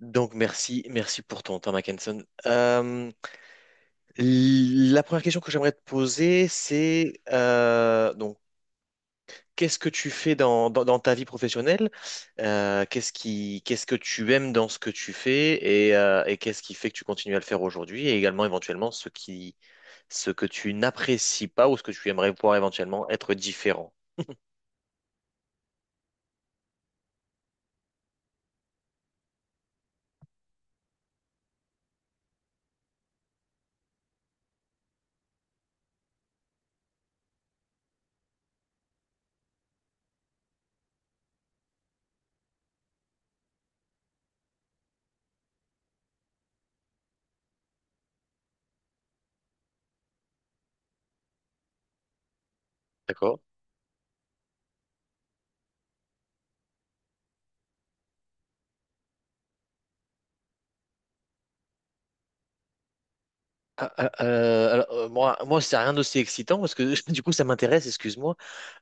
Donc merci, merci pour ton temps, Mackenson. La première question que j'aimerais te poser, c'est donc qu'est-ce que tu fais dans ta vie professionnelle? Qu'est-ce que tu aimes dans ce que tu fais et qu'est-ce qui fait que tu continues à le faire aujourd'hui, et également éventuellement ce que tu n'apprécies pas ou ce que tu aimerais pouvoir éventuellement être différent. D'accord? Alors, moi, c'est rien d'aussi excitant parce que du coup, ça m'intéresse, excuse-moi.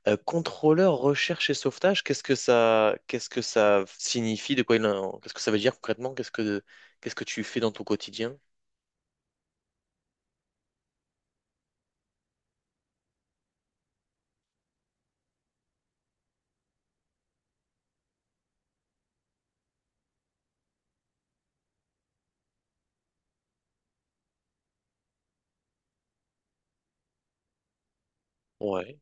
Contrôleur recherche et sauvetage, qu'est-ce que ça signifie, de quoi il en- qu'est-ce que ça veut dire concrètement, qu'est-ce que tu fais dans ton quotidien? Ouais,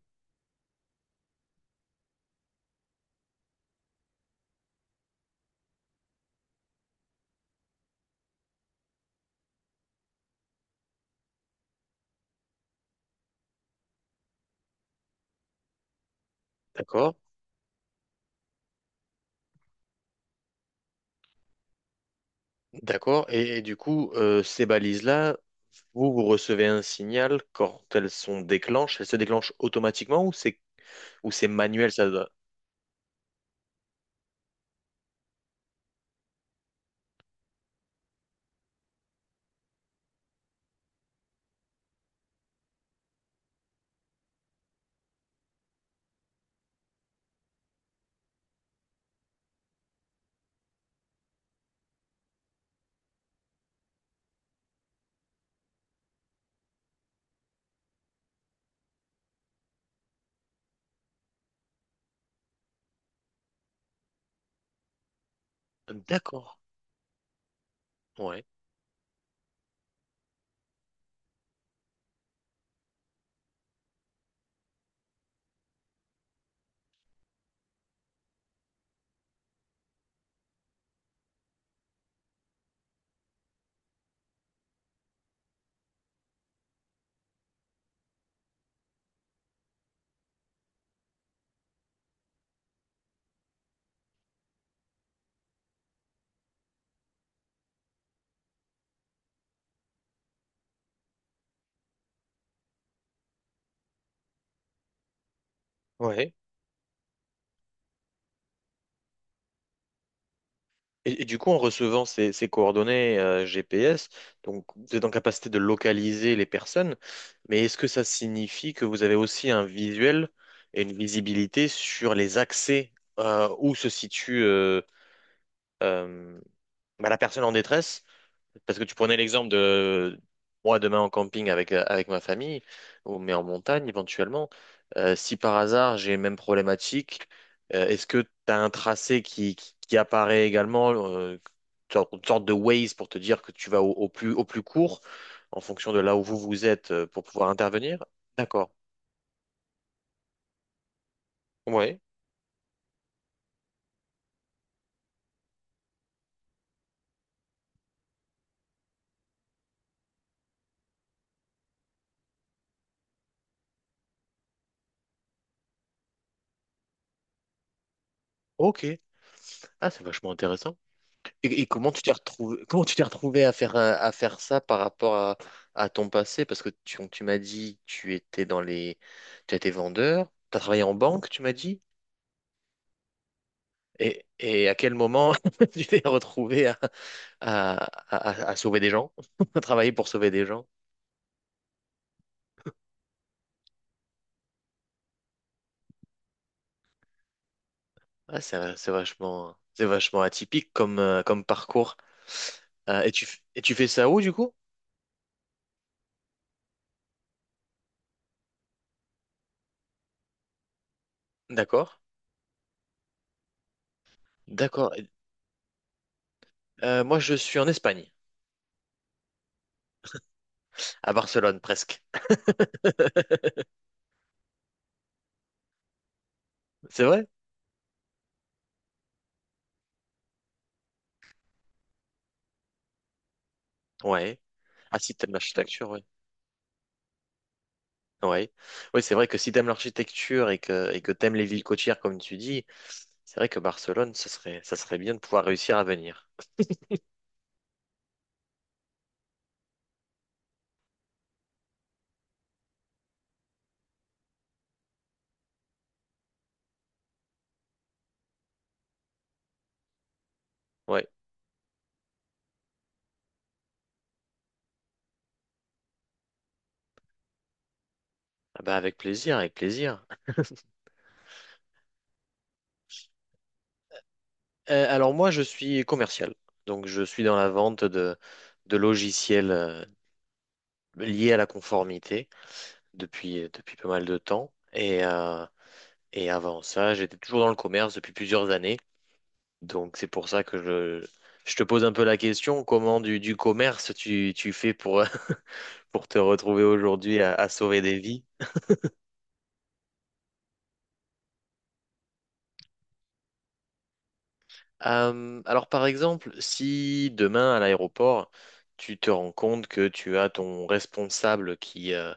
d'accord, d'accord. Et du coup, ces balises-là, vous recevez un signal quand elles sont déclenchées, elles se déclenchent automatiquement ou c'est manuel, ça doit… D'accord, ouais, ouais. Et du coup, en recevant ces coordonnées GPS, donc vous êtes en capacité de localiser les personnes, mais est-ce que ça signifie que vous avez aussi un visuel et une visibilité sur les accès où se situe euh, bah, la personne en détresse? Parce que tu prenais l'exemple de moi demain en camping avec, avec ma famille, ou mais en montagne éventuellement. Euh, si par hasard j'ai les mêmes problématiques, est-ce que tu as un tracé qui apparaît également, une sorte de Waze pour te dire que tu vas au plus court en fonction de là où vous vous êtes pour pouvoir intervenir? D'accord. Ouais. Ok. Ah, c'est vachement intéressant. Et comment tu t'es retrouvé, comment tu t'es retrouvé à faire ça par rapport à ton passé? Parce que tu m'as dit que tu étais dans les, tu étais vendeur, tu as travaillé en banque, tu m'as dit. Et à quel moment tu t'es retrouvé à, à sauver des gens, à travailler pour sauver des gens? Ah, c'est vachement atypique comme, comme parcours. Et tu fais ça où du coup? D'accord, d'accord. Moi, je suis en Espagne, à Barcelone presque. C'est vrai? Ouais. Ah, si t'aimes l'architecture, ouais. Ouais. Oui, c'est vrai que si t'aimes l'architecture et que t'aimes les villes côtières, comme tu dis, c'est vrai que Barcelone, ça serait bien de pouvoir réussir à venir. Ouais. Ah bah, avec plaisir, avec plaisir. Alors, moi, je suis commercial. Donc, je suis dans la vente de logiciels liés à la conformité depuis, depuis pas mal de temps. Et avant ça, j'étais toujours dans le commerce depuis plusieurs années. Donc c'est pour ça que je te pose un peu la question, comment du commerce tu fais pour, pour te retrouver aujourd'hui à sauver des vies? Alors par exemple, si demain à l'aéroport, tu te rends compte que tu as ton responsable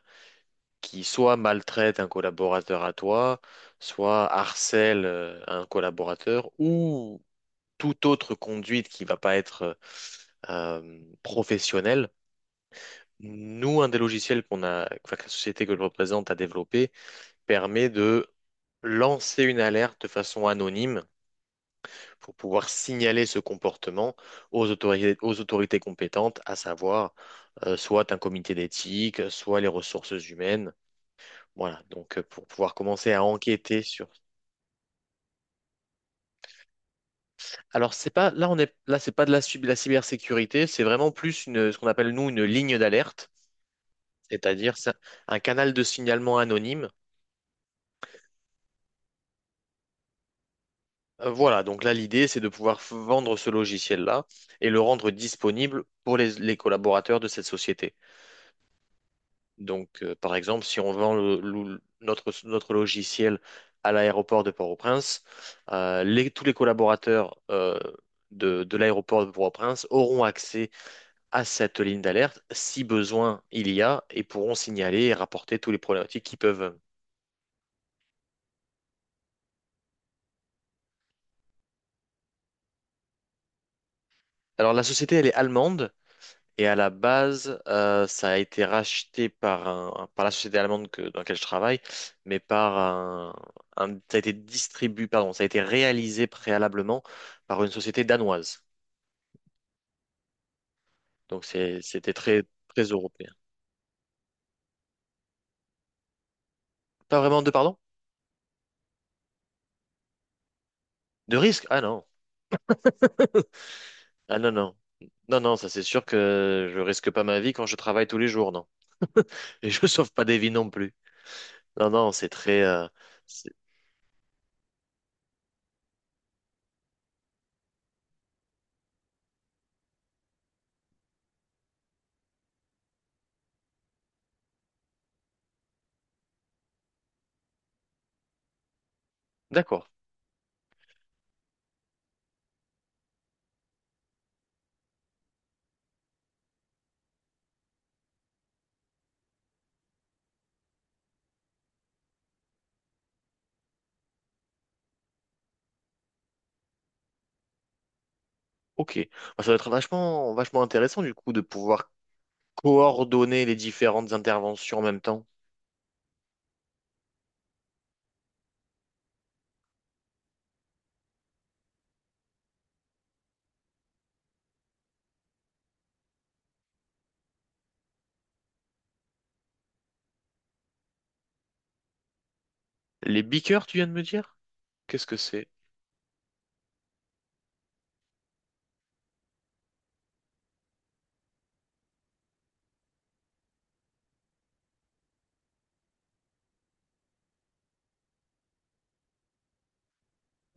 qui soit maltraite un collaborateur à toi, soit harcèle un collaborateur, ou toute autre conduite qui va pas être professionnelle. Nous, un des logiciels qu'on a, enfin, que la société que je représente a développé permet de lancer une alerte de façon anonyme pour pouvoir signaler ce comportement aux autorités compétentes, à savoir soit un comité d'éthique, soit les ressources humaines. Voilà, donc pour pouvoir commencer à enquêter sur. Alors c'est pas là on est là c'est pas de la, la cybersécurité, c'est vraiment plus une, ce qu'on appelle nous une ligne d'alerte, c'est-à-dire c'est un canal de signalement anonyme. Voilà, donc là, l'idée, c'est de pouvoir vendre ce logiciel-là et le rendre disponible pour les collaborateurs de cette société. Donc, par exemple, si on vend notre logiciel à l'aéroport de Port-au-Prince, tous les collaborateurs de l'aéroport de Port-au-Prince auront accès à cette ligne d'alerte si besoin il y a, et pourront signaler et rapporter tous les problématiques qu'ils peuvent. Alors, la société, elle est allemande. Et à la base, ça a été racheté par un, par la société allemande que, dans laquelle je travaille, mais par un, ça a été distribué, pardon, ça a été réalisé préalablement par une société danoise. Donc c'est, c'était très, très européen. Pas vraiment de, pardon? De risque? Ah non. Ah non, non. Non, non, ça c'est sûr que je risque pas ma vie quand je travaille tous les jours, non. Et je sauve pas des vies non plus. Non, non, c'est très, c'est- d'accord. Ok. Bah, ça doit être vachement, vachement intéressant du coup de pouvoir coordonner les différentes interventions en même temps. Les beakers, tu viens de me dire? Qu'est-ce que c'est?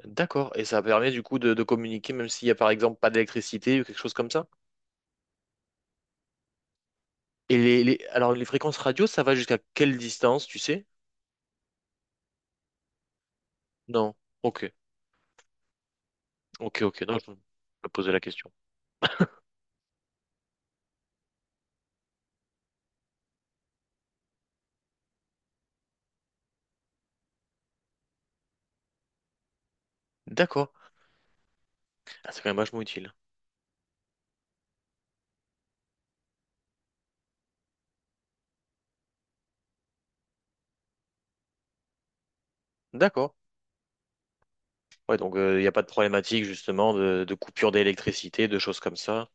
D'accord. Et ça permet du coup de communiquer même s'il y a par exemple pas d'électricité ou quelque chose comme ça. Et les, alors les fréquences radio, ça va jusqu'à quelle distance, tu sais? Non. Ok. Ok, ok. Non, je me posais la question. D'accord. Ah, c'est quand même vachement utile. D'accord. Ouais, donc il n'y a pas de problématique justement de coupure d'électricité, de choses comme ça.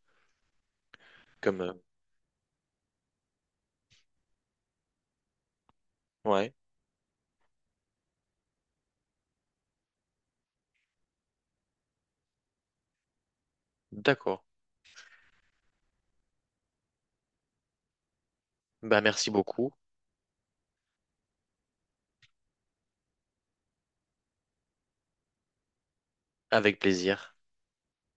Comme ouais. D'accord. Bah merci beaucoup. Avec plaisir.